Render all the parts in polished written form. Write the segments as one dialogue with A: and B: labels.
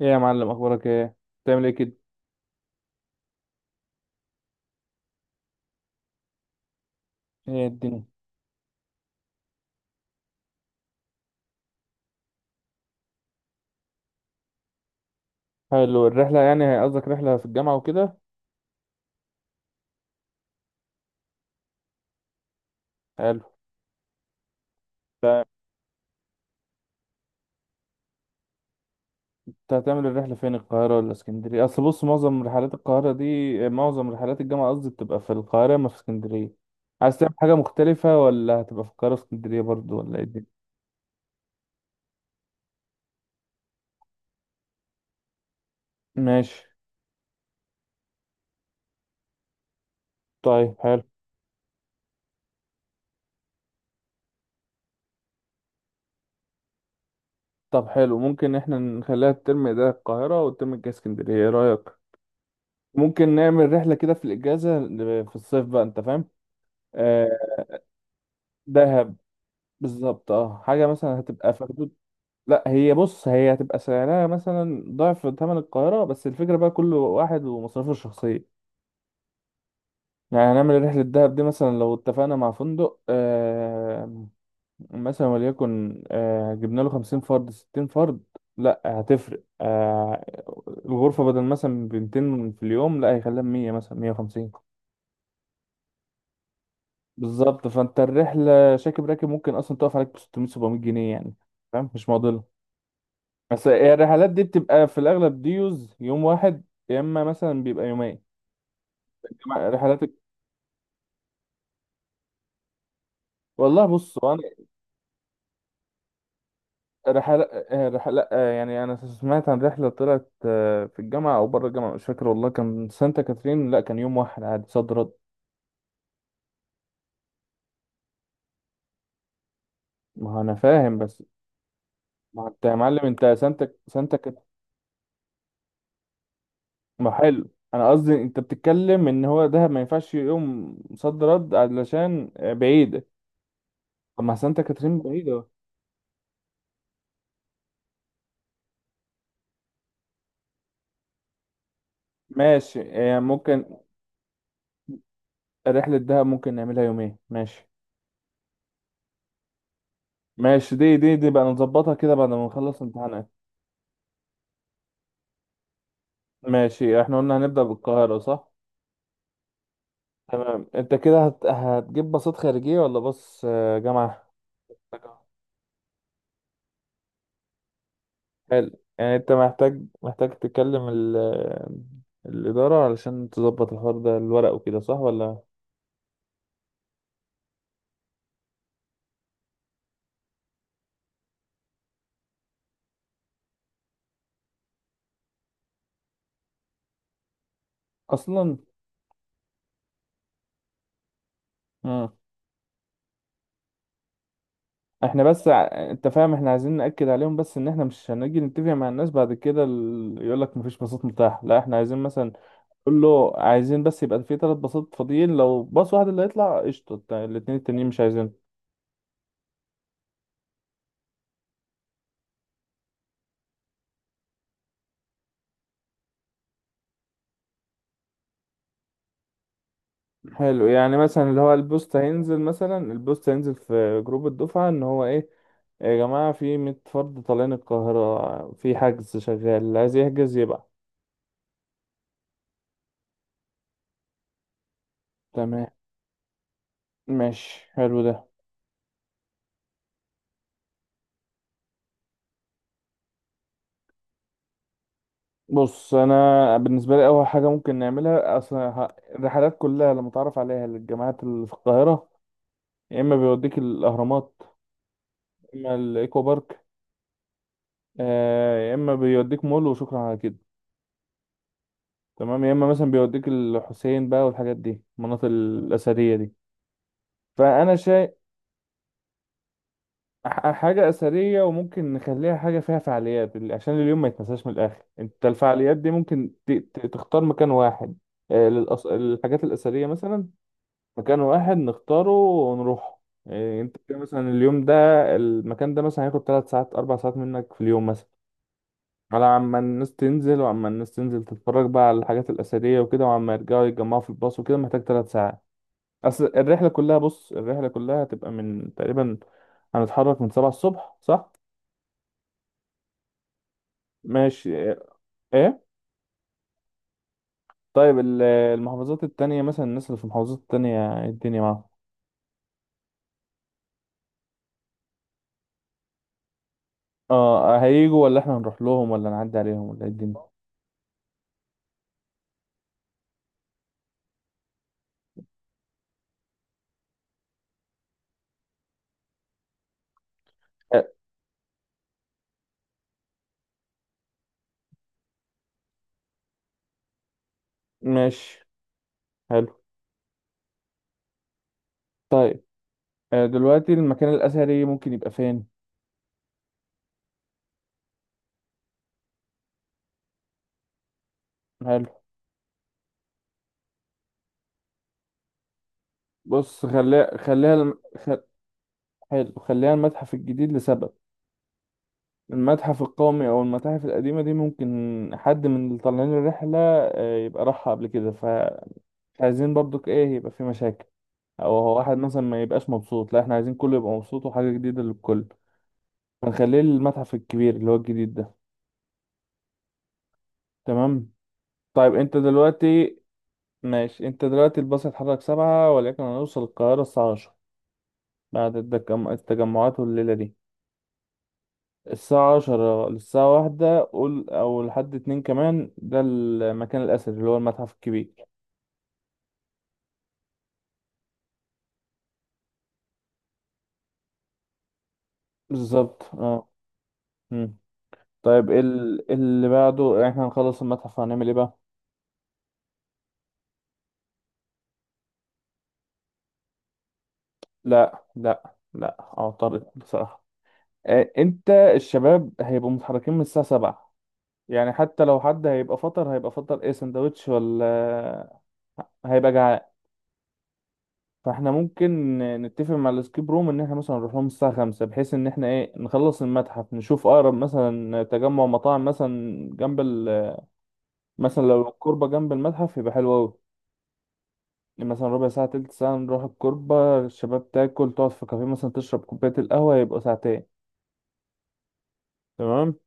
A: ايه يا معلم، اخبارك ايه؟ بتعمل ايه كده؟ ايه الدنيا؟ حلو الرحله، يعني قصدك رحله في الجامعه وكده؟ حلو. انت هتعمل الرحله فين؟ القاهره ولا اسكندريه؟ اصل بص، معظم رحلات القاهره دي، معظم رحلات الجامعه قصدي، بتبقى في القاهره ما في اسكندريه. عايز تعمل حاجه مختلفه ولا هتبقى في القاهره اسكندريه برضو ولا ايه الدنيا؟ ماشي. طيب حلو. طب حلو، ممكن احنا نخليها الترم ده القاهره والترم الجاي اسكندريه، ايه رايك؟ ممكن نعمل رحله كده في الاجازه، في الصيف بقى، انت فاهم. آه، دهب. بالظبط، اه حاجة مثلا هتبقى في حدود. لا هي بص، هي هتبقى سعرها مثلا ضعف ثمن القاهرة، بس الفكرة بقى كل واحد ومصاريفه الشخصية. يعني هنعمل رحلة دهب دي مثلا لو اتفقنا مع فندق. مثلا وليكن جبنا له خمسين فرد ستين فرد. لا هتفرق. الغرفة بدل مثلا بمتين في اليوم لا هيخليها مية مثلا مية وخمسين. بالظبط، فانت الرحلة راكب ممكن اصلا تقف عليك بستمية سبعمية جنيه يعني. فاهم، مش معضلة. بس الرحلات دي بتبقى في الأغلب ديوز يوم واحد، يا إما مثلا بيبقى يومين رحلات. والله بص هو أنا، رحلة لأ، يعني أنا سمعت عن رحلة طلعت في الجامعة أو بره الجامعة مش فاكر والله، كان سانتا كاترين، لا كان يوم واحد عادي صد رد. ما هو أنا فاهم بس. ما هو أنت يا معلم، أنت سانتا كاترين. ما حلو أنا قصدي، أنت بتتكلم إن هو دهب ما ينفعش يوم صد رد علشان بعيدة. طب ما سانتا كاترين بعيدة. ماشي يعني ممكن. رحلة دهب ممكن نعملها يومين، ماشي. ماشي، دي بقى نظبطها كده بعد ما نخلص امتحانات. ماشي، احنا قلنا هنبدأ بالقاهرة صح. تمام، انت كده هتجيب باصات خارجية ولا باص جامعة. حلو. يعني انت محتاج تكلم الإدارة علشان تظبط الحوار ده، الورق وكده صح ولا. أصلا. مم. احنا بس انت فاهم، احنا عايزين نأكد عليهم بس ان احنا مش هنجي نتفق مع الناس بعد كده، يقولك مفيش باصات متاحة، لا احنا عايزين مثلا. قول له عايزين بس يبقى في ثلاث باصات فاضيين، لو باص واحد اللي هيطلع قشطه، الاتنين التانيين مش عايزين. حلو، يعني مثلا اللي هو البوست هينزل، مثلا البوست هينزل في جروب الدفعه ان هو ايه. يا جماعه، في 100 فرد طالعين القاهره في حجز شغال، اللي عايز يحجز يبقى. تمام. ماشي حلو ده. بص انا بالنسبه لي اول حاجه ممكن نعملها اصلا، الرحلات كلها لما تعرف عليها للجامعات اللي في القاهره، يا اما بيوديك الاهرامات، يا اما الايكو بارك، يا اما بيوديك مول، وشكرا على كده. تمام، يا اما مثلا بيوديك الحسين بقى، والحاجات دي المناطق الاثريه دي. فانا شايف، حاجه اثريه، وممكن نخليها حاجه فيها فعاليات عشان اليوم ما يتنساش من الاخر. انت الفعاليات دي ممكن تختار مكان واحد، الحاجات الاثريه مثلا. مكان واحد نختاره ونروح. انت كده مثلا اليوم ده، المكان ده مثلا هياخد 3 ساعات 4 ساعات منك في اليوم مثلا، على عما الناس تنزل، وعما الناس تنزل تتفرج بقى على الحاجات الأثرية وكده، وعما يرجعوا يتجمعوا في الباص وكده، محتاج ثلاث ساعات. أصل الرحلة كلها، بص الرحلة كلها هتبقى من تقريبا، هنتحرك من سبعة الصبح صح؟ ماشي. ايه؟ طيب المحافظات التانية مثلا، الناس اللي في المحافظات التانية إيه الدنيا معاهم؟ اه هيجوا ولا احنا هنروح لهم ولا نعدي عليهم ولا إيه الدنيا؟ آه، ماشي، حلو. طيب، دلوقتي المكان الأثري ممكن يبقى فين؟ حلو. بص خليها خليها. حلو، خليها المتحف الجديد لسبب. المتحف القومي او المتاحف القديمه دي ممكن حد من اللي طالعين الرحله يبقى راحها قبل كده، فمش عايزين برضك ايه، يبقى في مشاكل، او هو واحد مثلا ما يبقاش مبسوط. لا احنا عايزين كله يبقى مبسوط، وحاجه جديده للكل. فنخليه المتحف الكبير اللي هو الجديد ده. تمام. طيب انت دلوقتي، ماشي، انت دلوقتي الباص هيتحرك سبعة، ولكن هنوصل القاهره الساعه عشرة بعد التجمعات، والليله دي الساعة عشرة للساعة واحدة قول، أو لحد اتنين كمان، ده المكان الأثري اللي هو المتحف الكبير. بالظبط اه. مم. طيب اللي بعده يعني، احنا هنخلص المتحف هنعمل ايه بقى؟ لا لا لا أعترض بصراحة. انت الشباب هيبقوا متحركين من الساعة سبعة، يعني حتى لو حد هيبقى فطر، هيبقى فطر ايه؟ سندوتش ولا، هيبقى جعان. فاحنا ممكن نتفق مع الاسكيب روم ان احنا مثلا نروح لهم الساعه 5، بحيث ان احنا ايه، نخلص المتحف نشوف اقرب مثلا تجمع مطاعم مثلا جنب مثلا لو الكوربه جنب المتحف يبقى حلو قوي. مثلا ربع ساعه تلت ساعه نروح الكوربه، الشباب تاكل تقعد في كافيه مثلا تشرب كوبايه القهوه، يبقى ساعتين. تمام.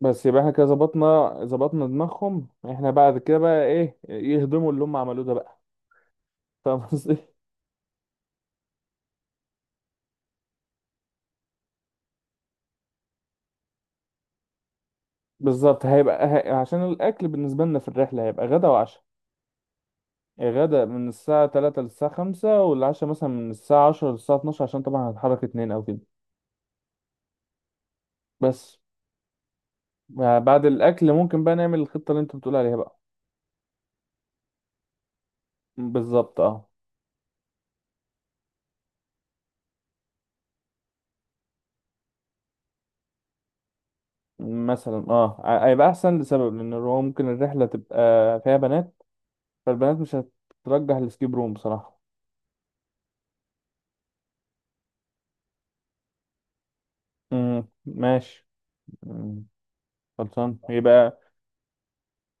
A: بس يبقى احنا كده ظبطنا ظبطنا دماغهم، احنا بعد كده بقى ايه، يهضموا اللي هم عملوه ده بقى. فاهم قصدي. بالظبط هيبقى، عشان الاكل بالنسبه لنا في الرحله هيبقى غدا وعشاء. غدا من الساعة تلاتة للساعة خمسة، والعشاء مثلا من الساعة عشرة للساعة اتناشر عشان طبعا هتحرك اتنين أو كده. بس يعني بعد الأكل ممكن بقى نعمل الخطة اللي أنت بتقول عليها بقى. بالظبط اه. مثلا اه هيبقى أحسن لسبب، لأن هو ممكن الرحلة تبقى فيها بنات، فالبنات مش هترجح السكيب روم بصراحة. ماشي. مم. خلصان يبقى.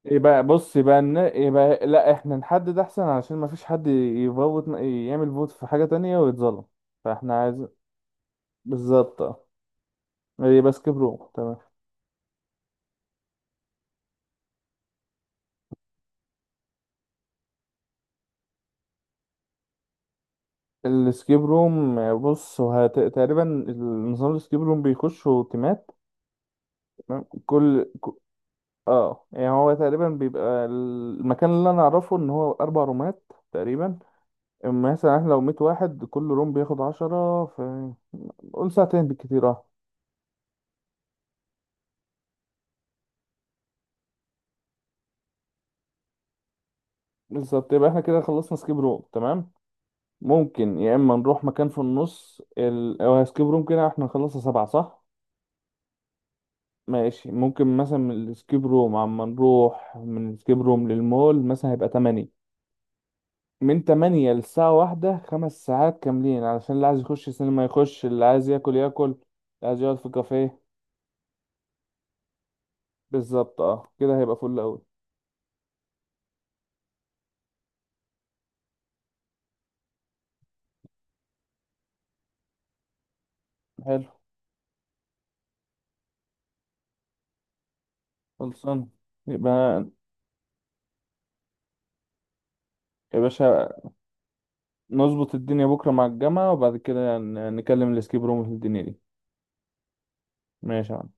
A: يبقى بص، يبقى يبقى لا احنا نحدد احسن، علشان ما فيش حد يفوت يعمل فوت في حاجة تانية ويتظلم. فاحنا عايزين بالظبط اه. يبقى سكيب روم تمام. السكيب روم بص هو تقريبا النظام السكيب روم بيخشوا تيمات. تمام، اه يعني هو تقريبا بيبقى المكان اللي انا اعرفه ان هو اربع رومات تقريبا. أما مثلا احنا لو 100 واحد، كل روم بياخد 10، في قول ساعتين بالكتير اه. بالظبط، يبقى احنا كده خلصنا سكيب روم تمام. ممكن يا اما نروح مكان في النص او سكيب روم كده. احنا نخلصها سبعة صح. ماشي، ممكن مثلا من الاسكيب روم، عما نروح من الاسكيب روم للمول مثلا هيبقى تمانية. من تمانية للساعة واحدة خمس ساعات كاملين، علشان اللي عايز يخش السينما يخش، اللي عايز ياكل ياكل، اللي عايز يقعد في كافيه. بالظبط اه، كده هيبقى فل أوي. حلو. خلصان يبقى يا باشا، نظبط الدنيا بكرة مع الجامعة، وبعد كده نكلم الاسكيب روم في الدنيا دي. ماشي يا عم.